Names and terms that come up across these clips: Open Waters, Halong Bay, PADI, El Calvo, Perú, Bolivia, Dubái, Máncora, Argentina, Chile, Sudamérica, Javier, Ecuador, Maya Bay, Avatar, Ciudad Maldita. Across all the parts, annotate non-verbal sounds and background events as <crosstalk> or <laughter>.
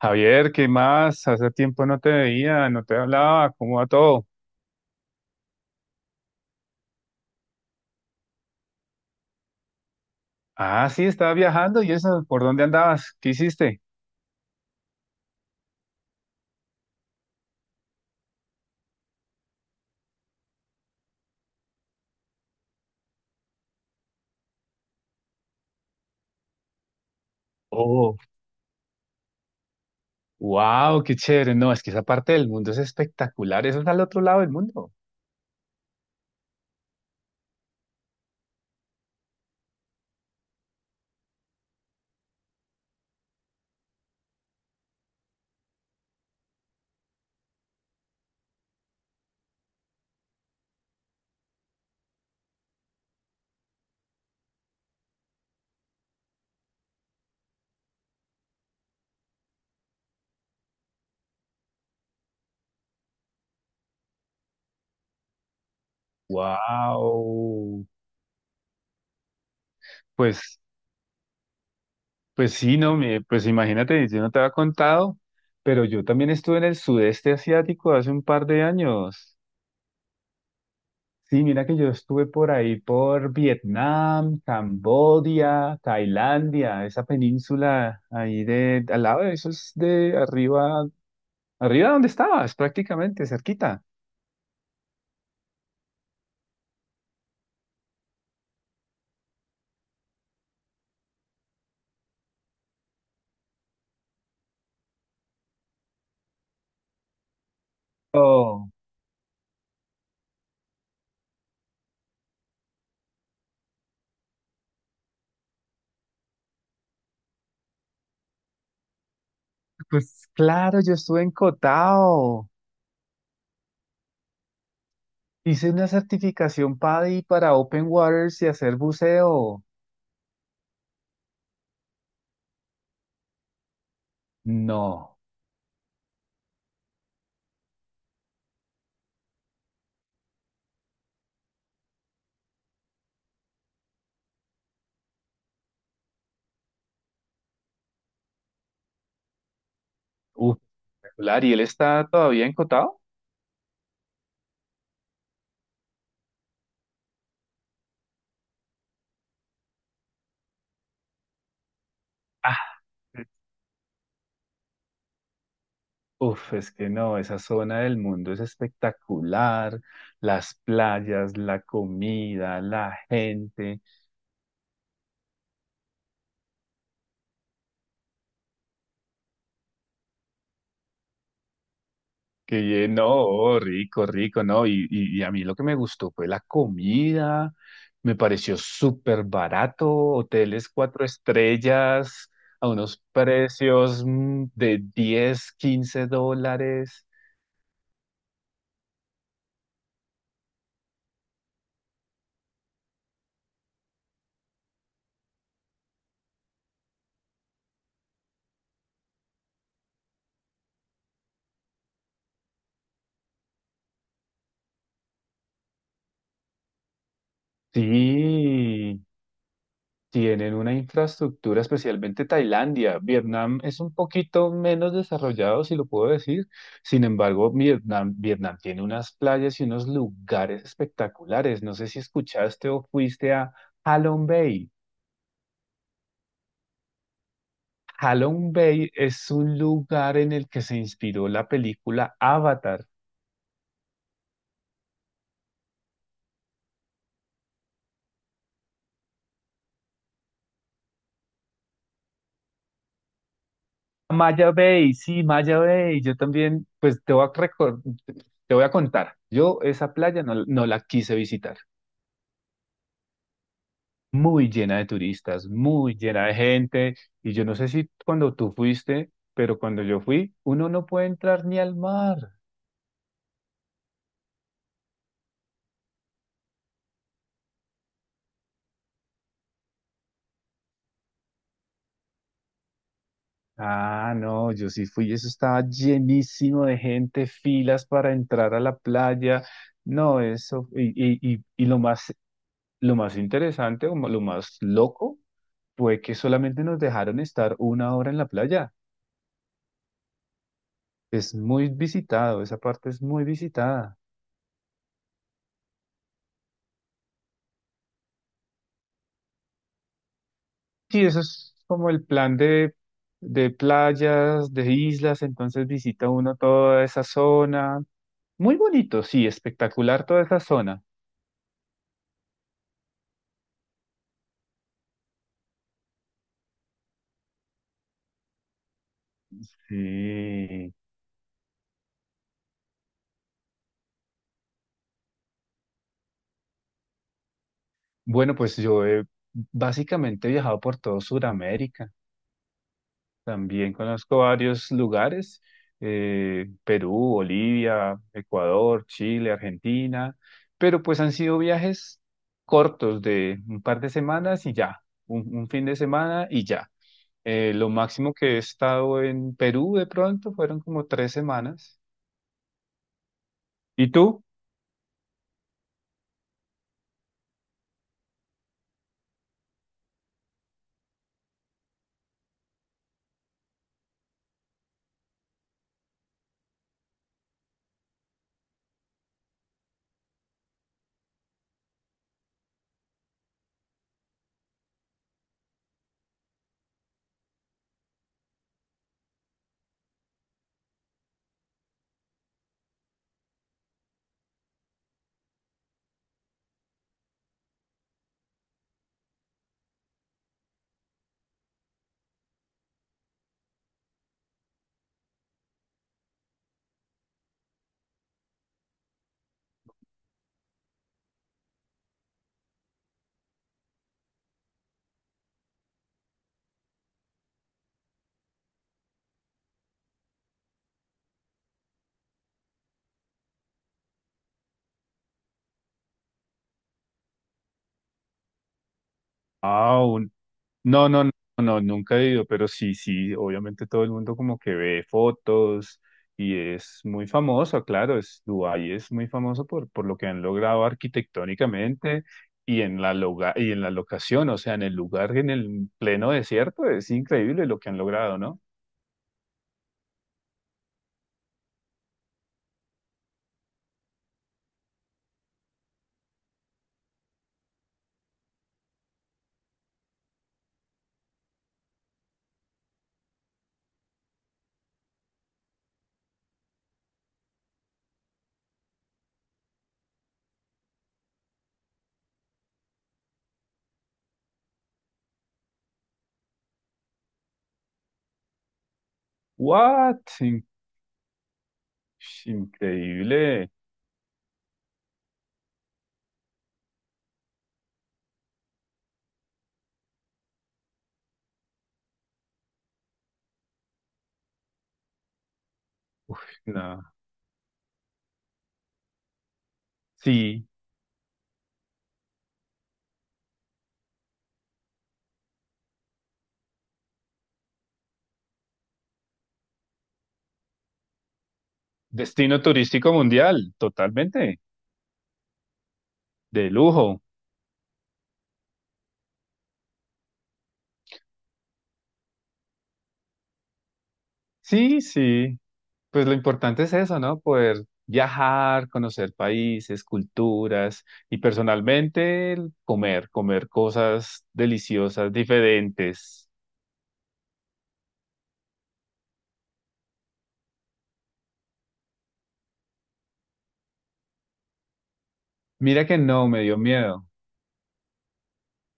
Javier, ¿qué más? Hace tiempo no te veía, no te hablaba, ¿cómo va todo? Ah, sí, estaba viajando y eso, ¿por dónde andabas? ¿Qué hiciste? Oh, wow, qué chévere. No, es que esa parte del mundo es espectacular, eso está al otro lado del mundo. Wow. Pues, pues sí, no, pues imagínate, yo no te había contado, pero yo también estuve en el sudeste asiático hace un par de años. Sí, mira que yo estuve por ahí, por Vietnam, Camboya, Tailandia, esa península ahí de, al lado de eso es de arriba, arriba donde estabas, prácticamente, cerquita. Oh, pues claro, yo estuve en Cotao. Hice una certificación PADI para Open Waters y hacer buceo. No, uf, espectacular. ¿Y él está todavía en Cotao? Ah. Uf, es que no, esa zona del mundo es espectacular, las playas, la comida, la gente, no, oh, rico, rico, no, y a mí lo que me gustó fue la comida, me pareció súper barato, hoteles cuatro estrellas a unos precios de 10, $15, sí. Tienen una infraestructura, especialmente Tailandia. Vietnam es un poquito menos desarrollado, si lo puedo decir. Sin embargo, Vietnam tiene unas playas y unos lugares espectaculares. No sé si escuchaste o fuiste a Halong Bay. Halong Bay es un lugar en el que se inspiró la película Avatar. Maya Bay, sí, Maya Bay. Yo también, pues te voy a contar. Yo esa playa no la quise visitar. Muy llena de turistas, muy llena de gente. Y yo no sé si cuando tú fuiste, pero cuando yo fui, uno no puede entrar ni al mar. Ah, no, yo sí fui, eso estaba llenísimo de gente, filas para entrar a la playa. No, eso, y lo más interesante o lo más loco fue que solamente nos dejaron estar 1 hora en la playa. Es muy visitado, esa parte es muy visitada. Sí, eso es como el plan de, playas, de islas, entonces visita uno toda esa zona. Muy bonito, sí, espectacular toda esa zona. Sí. Bueno, pues yo he básicamente viajado por todo Sudamérica. También conozco varios lugares, Perú, Bolivia, Ecuador, Chile, Argentina, pero pues han sido viajes cortos de un par de semanas y ya, un fin de semana y ya. Lo máximo que he estado en Perú de pronto fueron como 3 semanas. ¿Y tú? Ah. No, no, no, no, nunca he ido, pero sí, sí, obviamente todo el mundo como que ve fotos y es muy famoso, claro, es Dubái es muy famoso por lo que han logrado arquitectónicamente y en la locación, o sea, en el lugar, en el pleno desierto, es increíble lo que han logrado, ¿no? What? Increíble. No. Sí. Destino turístico mundial, totalmente, de lujo. Sí, sí, pues lo importante es eso, ¿no? Poder viajar, conocer países, culturas y personalmente el comer, comer cosas deliciosas, diferentes. Mira que no, me dio miedo.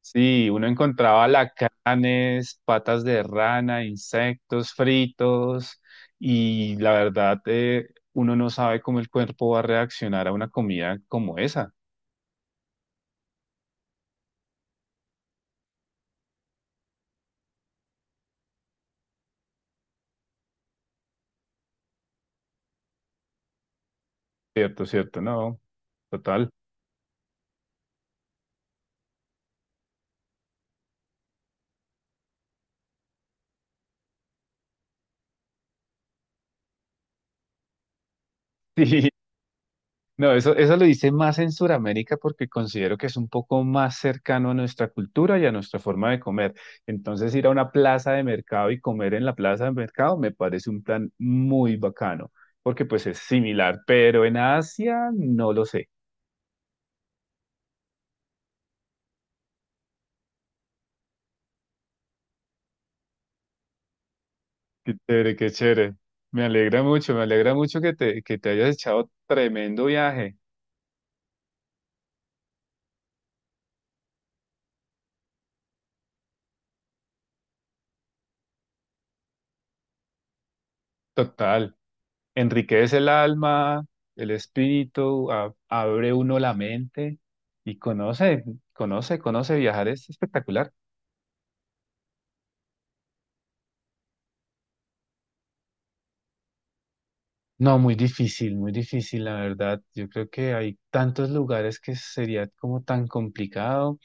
Sí, uno encontraba lacanes, patas de rana, insectos fritos y la verdad, uno no sabe cómo el cuerpo va a reaccionar a una comida como esa. Cierto, cierto, no, total. <laughs> Sí, no, eso lo hice más en Sudamérica porque considero que es un poco más cercano a nuestra cultura y a nuestra forma de comer. Entonces, ir a una plaza de mercado y comer en la plaza de mercado me parece un plan muy bacano, porque pues es similar, pero en Asia no lo sé. Qué chévere, qué chévere. Me alegra mucho que te hayas echado tremendo viaje. Total. Enriquece el alma, el espíritu, abre uno la mente y conoce viajar, es espectacular. No, muy difícil, la verdad. Yo creo que hay tantos lugares que sería como tan complicado,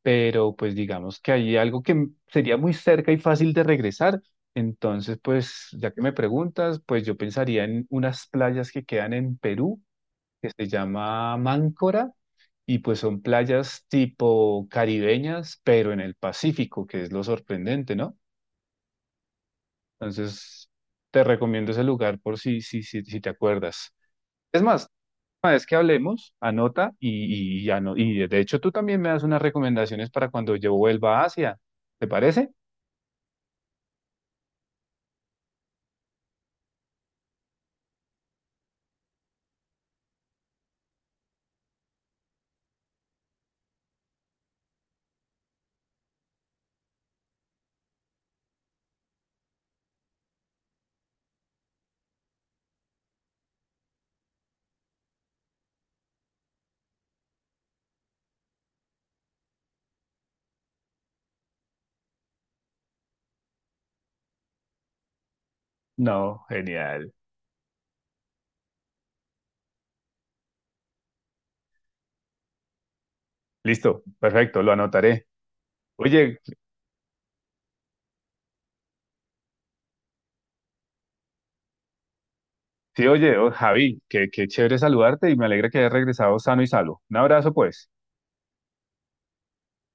pero pues digamos que hay algo que sería muy cerca y fácil de regresar. Entonces, pues ya que me preguntas, pues yo pensaría en unas playas que quedan en Perú, que se llama Máncora y pues son playas tipo caribeñas, pero en el Pacífico, que es lo sorprendente, ¿no? Entonces, te recomiendo ese lugar por si te acuerdas. Es más, una vez que hablemos, anota y de hecho tú también me das unas recomendaciones para cuando yo vuelva a Asia. ¿Te parece? No, genial. Listo, perfecto, lo anotaré. Oye, sí, oye, oh, Javi, qué chévere saludarte y me alegra que hayas regresado sano y salvo. Un abrazo, pues.